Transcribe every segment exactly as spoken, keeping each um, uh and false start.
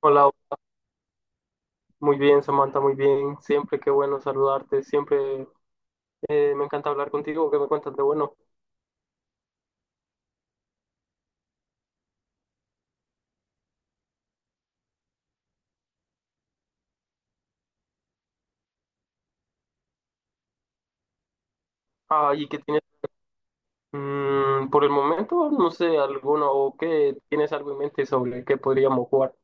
Hola, hola. Muy bien, Samantha, muy bien. Siempre qué bueno saludarte, siempre. Eh, me encanta hablar contigo. ¿Qué me cuentas de bueno? Ah, ¿y qué tienes? Mm, por el momento, no sé, alguno o qué tienes algo en mente sobre qué podríamos jugar.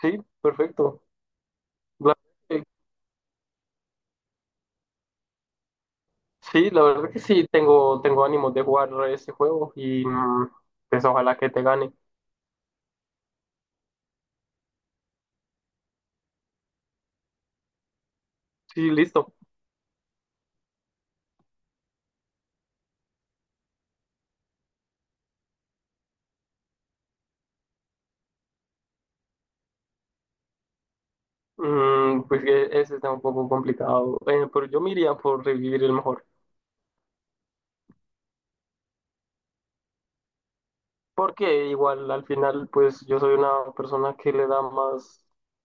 Sí, perfecto. La- eh, sí, la verdad que sí, tengo, tengo ánimos de jugar ese juego y, mm, pues ojalá que te gane. Sí, listo. Mm, pues que ese está un poco complicado, eh, pero yo me iría por revivir el mejor. Porque igual al final, pues yo soy una persona que le da más,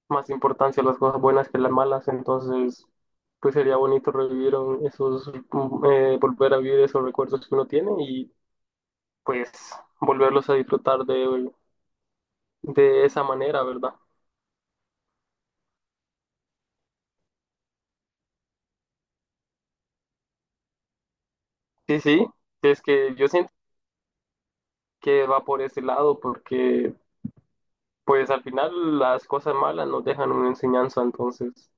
más importancia a las cosas buenas que a las malas. Entonces pues sería bonito revivir un- esos, mm, eh, volver a vivir esos recuerdos que uno tiene y pues volverlos a disfrutar de, de esa manera, ¿verdad? Sí, sí, es que yo siento que va por ese lado, porque pues al final las cosas malas nos dejan una enseñanza. Entonces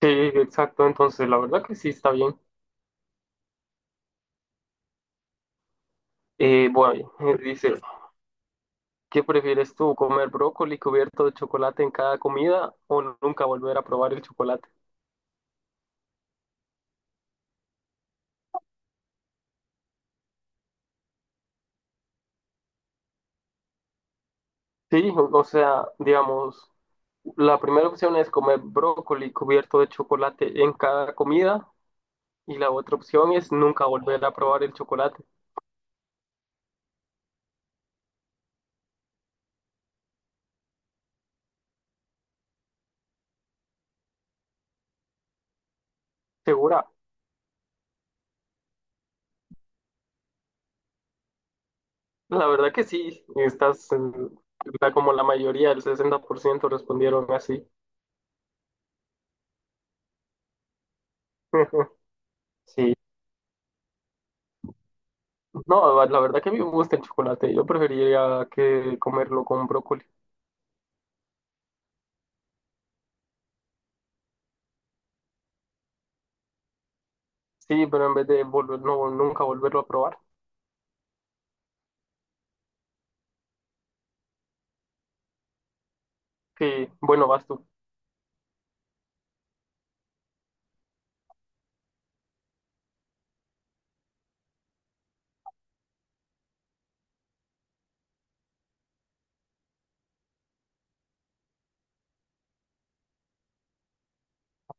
sí, exacto, entonces la verdad que sí está bien. Eh, bueno, dice: ¿Qué prefieres tú, comer brócoli cubierto de chocolate en cada comida o nunca volver a probar el chocolate? Sí, o o sea, digamos, la primera opción es comer brócoli cubierto de chocolate en cada comida y la otra opción es nunca volver a probar el chocolate. ¿Segura? La verdad que sí, estás eh, está como la mayoría, el sesenta por ciento respondieron así. Sí, no, la la verdad que a mí me gusta el chocolate, yo preferiría que comerlo con brócoli. Sí, pero en vez de volver, no, nunca volverlo a probar. Que bueno, vas tú.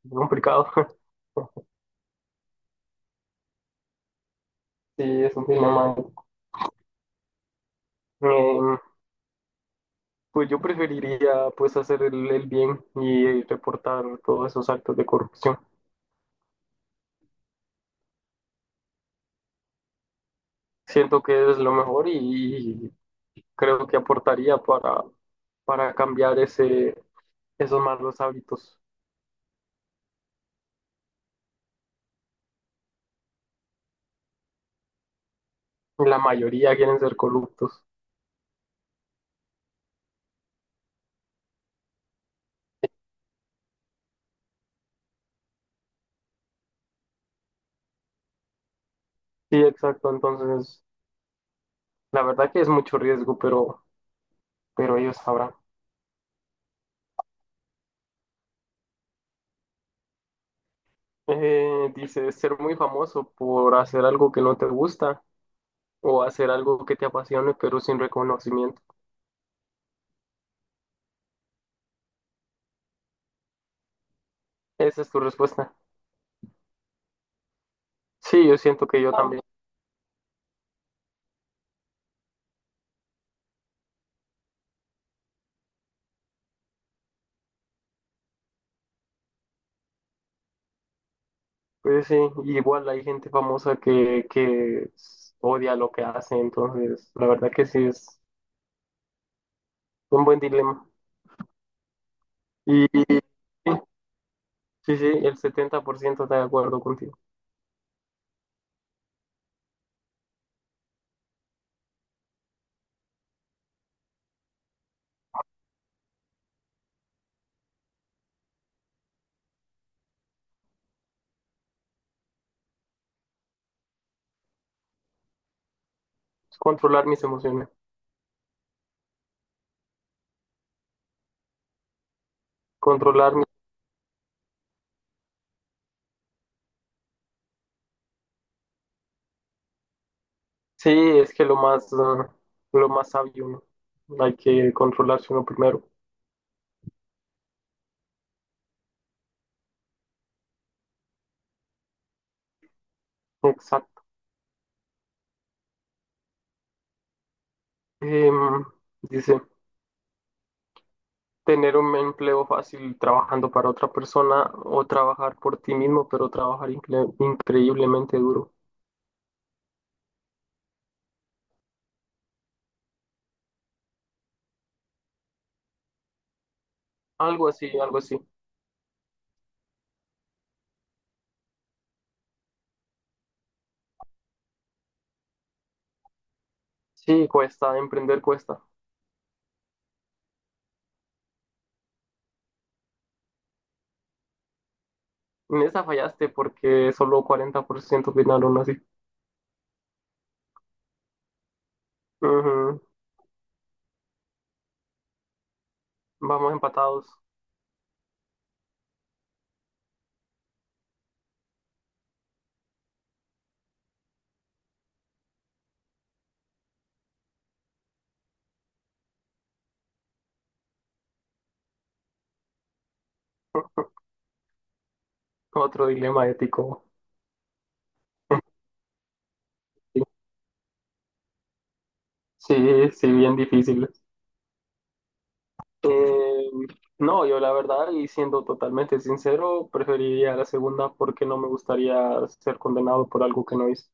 Es complicado. Sí, es un dilema. Eh, pues yo preferiría pues hacer el, el bien y reportar todos esos actos de corrupción. Siento que es lo mejor y creo que aportaría para, para cambiar ese, esos malos hábitos. La mayoría quieren ser corruptos. Sí, exacto. Entonces, la verdad que es mucho riesgo, pero, pero ellos sabrán. Eh, dice: ser muy famoso por hacer algo que no te gusta, o hacer algo que te apasione pero sin reconocimiento. Esa es tu respuesta. Sí, yo siento que yo, wow, también. Pues sí, igual hay gente famosa que, que s- odia lo que hace, entonces la verdad que sí es un buen dilema. Y sí, sí, sí, el setenta por ciento está de acuerdo contigo. Es controlar mis emociones, controlar mi... Sí, es que lo más, ah, lo más sabio, ¿no? Hay que controlarse uno primero. Exacto. Em, Dice: tener un empleo fácil trabajando para otra persona o trabajar por ti mismo, pero trabajar incre- increíblemente duro. Algo así, algo así. Sí, cuesta, emprender cuesta. En esa fallaste porque solo cuarenta por ciento opinaron así. Ujú. Vamos empatados. Otro dilema ético. Sí, sí, bien difícil. Eh, no, yo la verdad, y siendo totalmente sincero, preferiría la segunda porque no me gustaría ser condenado por algo que no hice.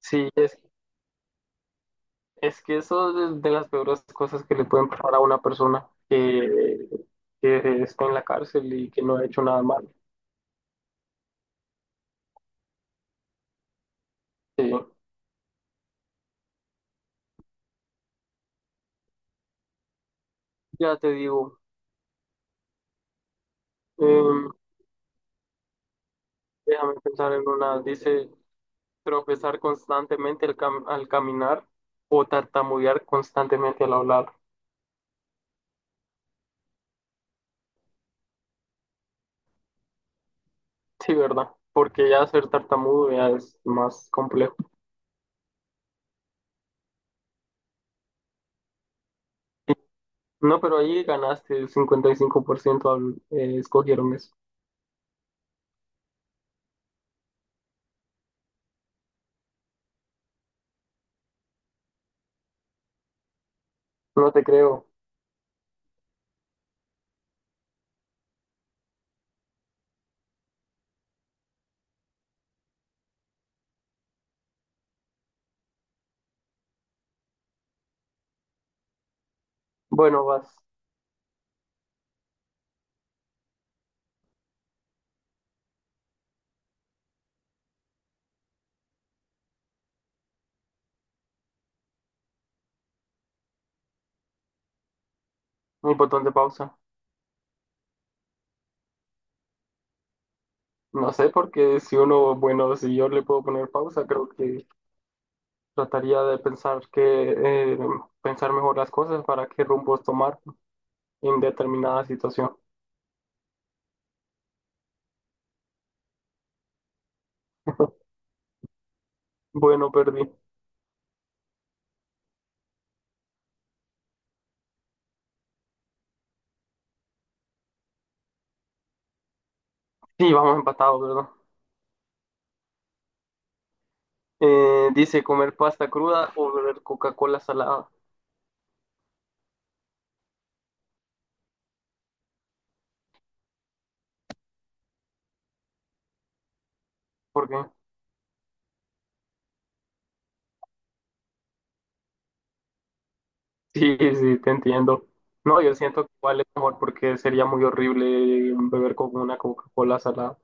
Sí, es, es que eso es de las peores cosas que le pueden pasar a una persona que, que está en la cárcel y que no ha hecho nada malo. Sí, ya te digo, em, déjame pensar en una. Dice: tropezar constantemente al, cam- al caminar, o tartamudear constantemente al hablar. Sí, ¿verdad? Porque ya ser tartamudo ya es más complejo. No, pero ahí ganaste el cincuenta y cinco por ciento al- eh, escogieron eso. No te creo. Bueno, vas. Un botón de pausa. No sé, porque si uno, bueno, si yo le puedo poner pausa, creo que trataría de pensar que, eh, pensar mejor las cosas para qué rumbos tomar en determinada situación. Bueno, perdí. Sí, vamos empatados, ¿verdad? Eh, dice: comer pasta cruda o beber Coca-Cola salada. ¿Por qué? Sí, sí, te entiendo. No, yo siento que igual es mejor, porque sería muy horrible beber con una Coca-Cola salada.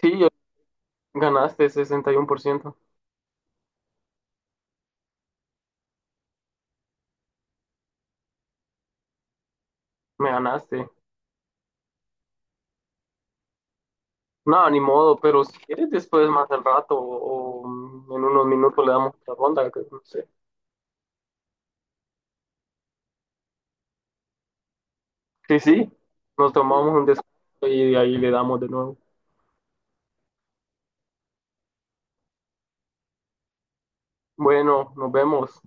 Sí, yo- ganaste sesenta y uno por ciento. Me ganaste. No, ni modo, pero si quieres después más al rato o o en unos minutos le damos otra ronda, que no sé. Sí, sí, nos tomamos un descanso y de ahí le damos de nuevo. Bueno, nos vemos.